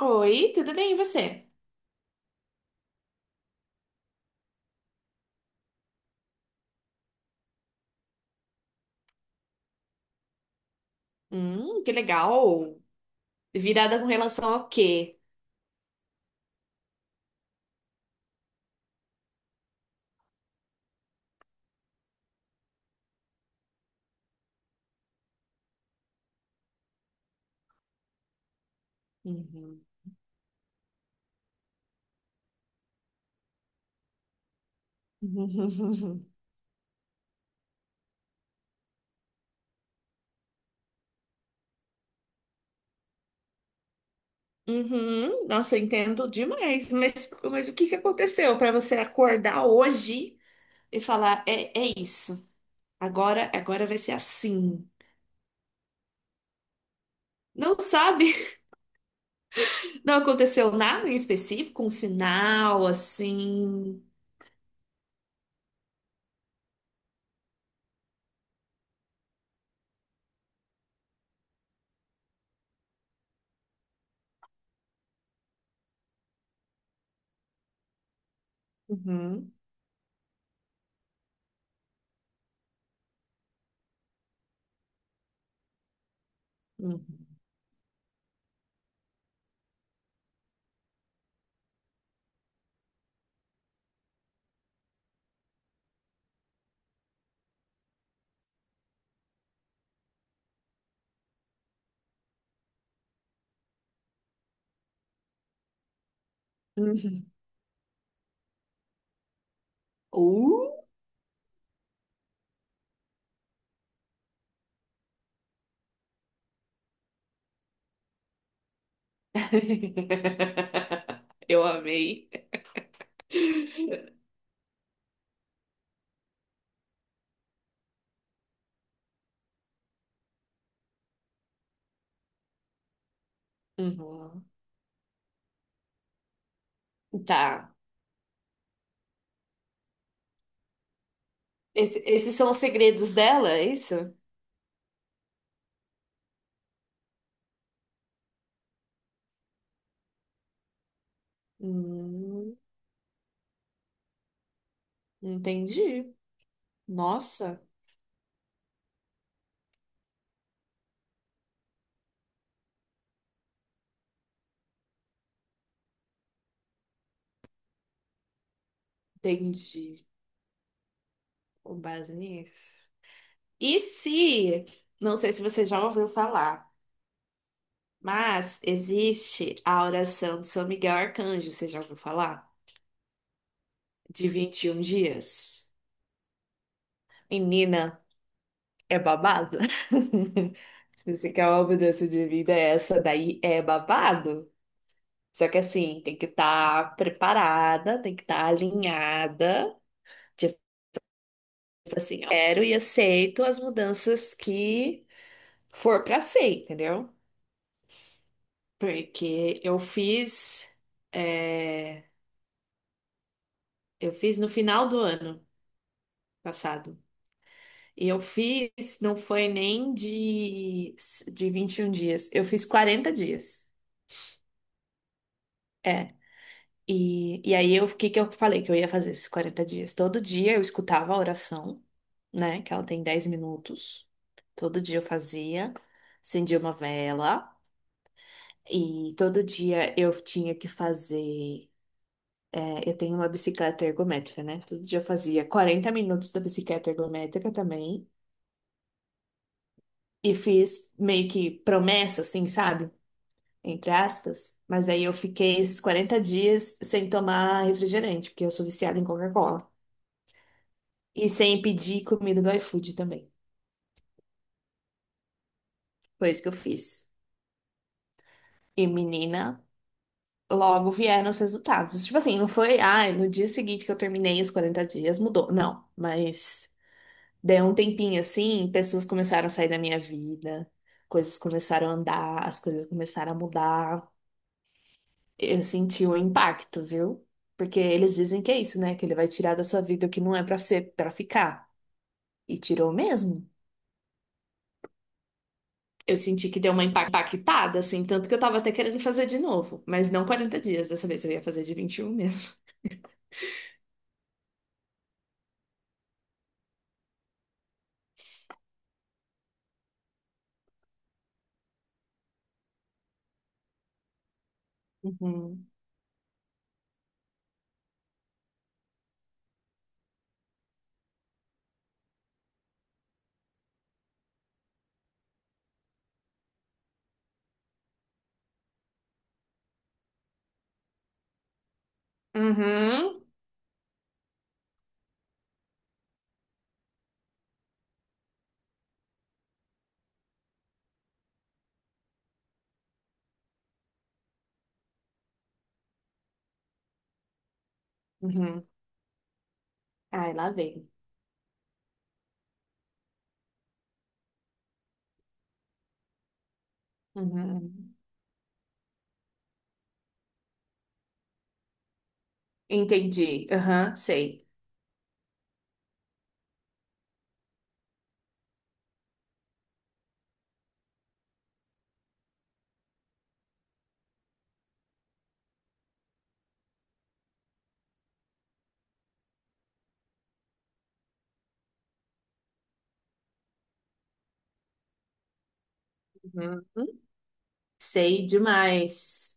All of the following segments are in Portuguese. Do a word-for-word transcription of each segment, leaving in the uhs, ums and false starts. Oi, tudo bem, e você? Hum, que legal. Virada com relação ao quê? Uhum. Uhum. Nossa, eu entendo demais. Mas, mas o que que aconteceu para você acordar hoje e falar, é, é isso. Agora, agora vai ser assim. Não sabe? Não aconteceu nada em específico, um sinal assim. Uhum. Uhum. Uhum. Uh! Eu amei. Uhum. Tá. Esse- esses são os segredos dela, é isso? Hum. Entendi. Nossa, entendi. Com base nisso. E se, não sei se você já ouviu falar, mas existe a oração de São Miguel Arcanjo, você já ouviu falar? De vinte e um dias. Menina, é babado? Se você quer uma mudança de vida, essa daí é babado. Só que assim, tem que estar preparada, tem que estar alinhada. Tipo assim, eu quero e aceito as mudanças que for pra ser, entendeu? Porque eu fiz, é, eu fiz no final do ano passado. E eu fiz, não foi nem de, de vinte e um dias, eu fiz quarenta dias. é E, e aí, eu- o que que eu falei que eu ia fazer esses quarenta dias? Todo dia eu escutava a oração, né? Que ela tem dez minutos. Todo dia eu fazia, acendia uma vela. E todo dia eu tinha que fazer. É, eu tenho uma bicicleta ergométrica, né? Todo dia eu fazia quarenta minutos da bicicleta ergométrica também. E fiz meio que promessa, assim, sabe? Entre aspas. Mas aí eu fiquei esses quarenta dias sem tomar refrigerante, porque eu sou viciada em Coca-Cola. E sem pedir comida do iFood também. Foi isso que eu fiz. E, menina, logo vieram os resultados. Tipo assim, não foi, ai, no dia seguinte que eu terminei os quarenta dias, mudou. Não, mas deu um tempinho assim, pessoas começaram a sair da minha vida, coisas começaram a andar, as coisas começaram a mudar. Eu senti o impacto, viu? Porque eles dizem que é isso, né? Que ele vai tirar da sua vida o que não é pra ser, para ficar. E tirou mesmo. Eu senti que deu uma empa- impactada, assim, tanto que eu tava até querendo fazer de novo, mas não quarenta dias, dessa vez eu ia fazer de vinte e um mesmo. Uhum. Uhum, uhum. Ai, lá vem. Uhum. Entendi. Aham, sei. Uhum. Sei demais.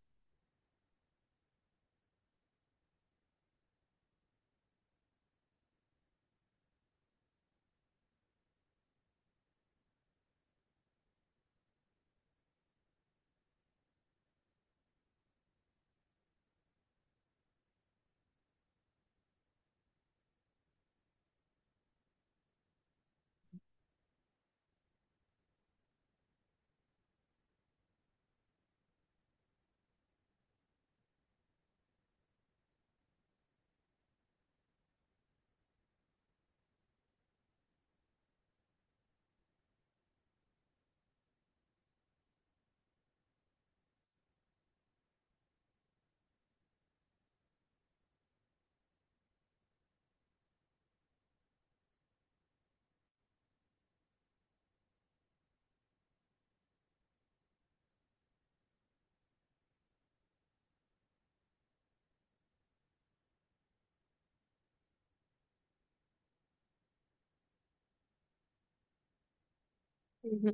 Uhum.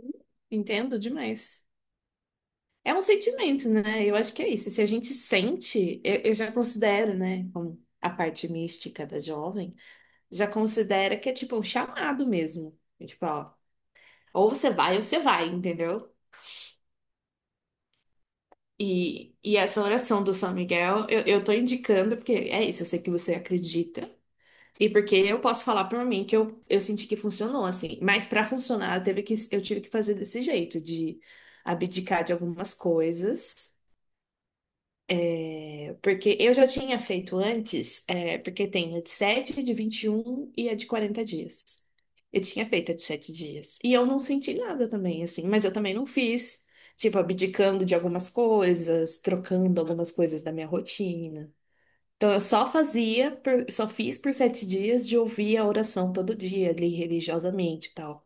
Entendo demais. É um sentimento, né? Eu acho que é isso. Se a gente sente, eu, eu já considero, né, como a parte mística da jovem, já considera que é tipo um chamado mesmo. É, tipo, ó, ou você vai ou você vai, entendeu? E, e essa oração do São Miguel, eu, eu tô indicando porque é isso, eu sei que você acredita. E porque eu posso falar por mim que eu, eu senti que funcionou assim, mas para funcionar eu teve que eu tive que fazer desse jeito, de abdicar de algumas coisas. Porque eu já tinha feito antes, é, porque tem a de sete de vinte e um e a de quarenta dias. Eu tinha feito a de sete dias. E eu não senti nada também, assim, mas eu também não fiz, tipo, abdicando de algumas coisas, trocando algumas coisas da minha rotina. Então eu só fazia, por- só fiz por sete dias de ouvir a oração todo dia, ali religiosamente e tal.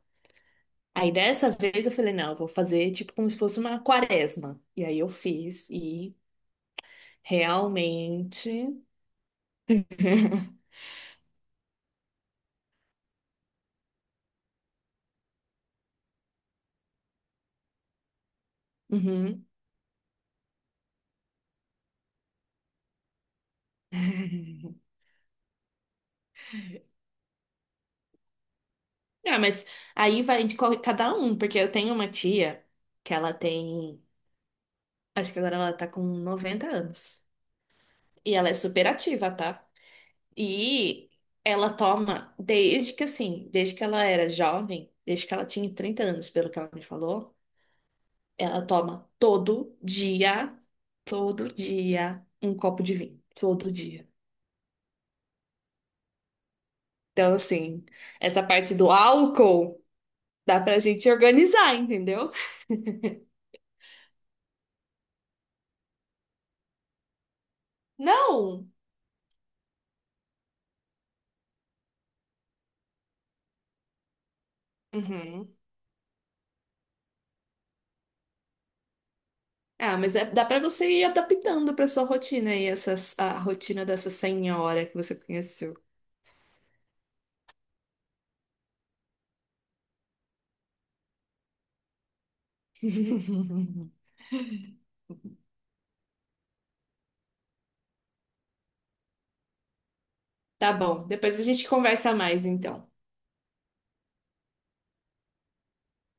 Aí dessa vez eu falei, não, eu vou fazer tipo como se fosse uma quaresma. E aí eu fiz e realmente. Uhum. Ah, mas aí vai de qual- cada um, porque eu tenho uma tia que ela tem, acho que agora ela tá com noventa anos. E ela é super ativa, tá? E ela toma desde que assim, desde que ela era jovem, desde que ela tinha trinta anos, pelo que ela me falou, ela toma todo dia, todo dia um copo de vinho, todo dia. Então, assim, essa parte do álcool dá pra gente organizar, entendeu? Não. Uhum. Ah, mas é- dá pra você ir adaptando pra sua rotina aí, essas, a rotina dessa senhora que você conheceu. Tá bom, depois a gente conversa mais, então.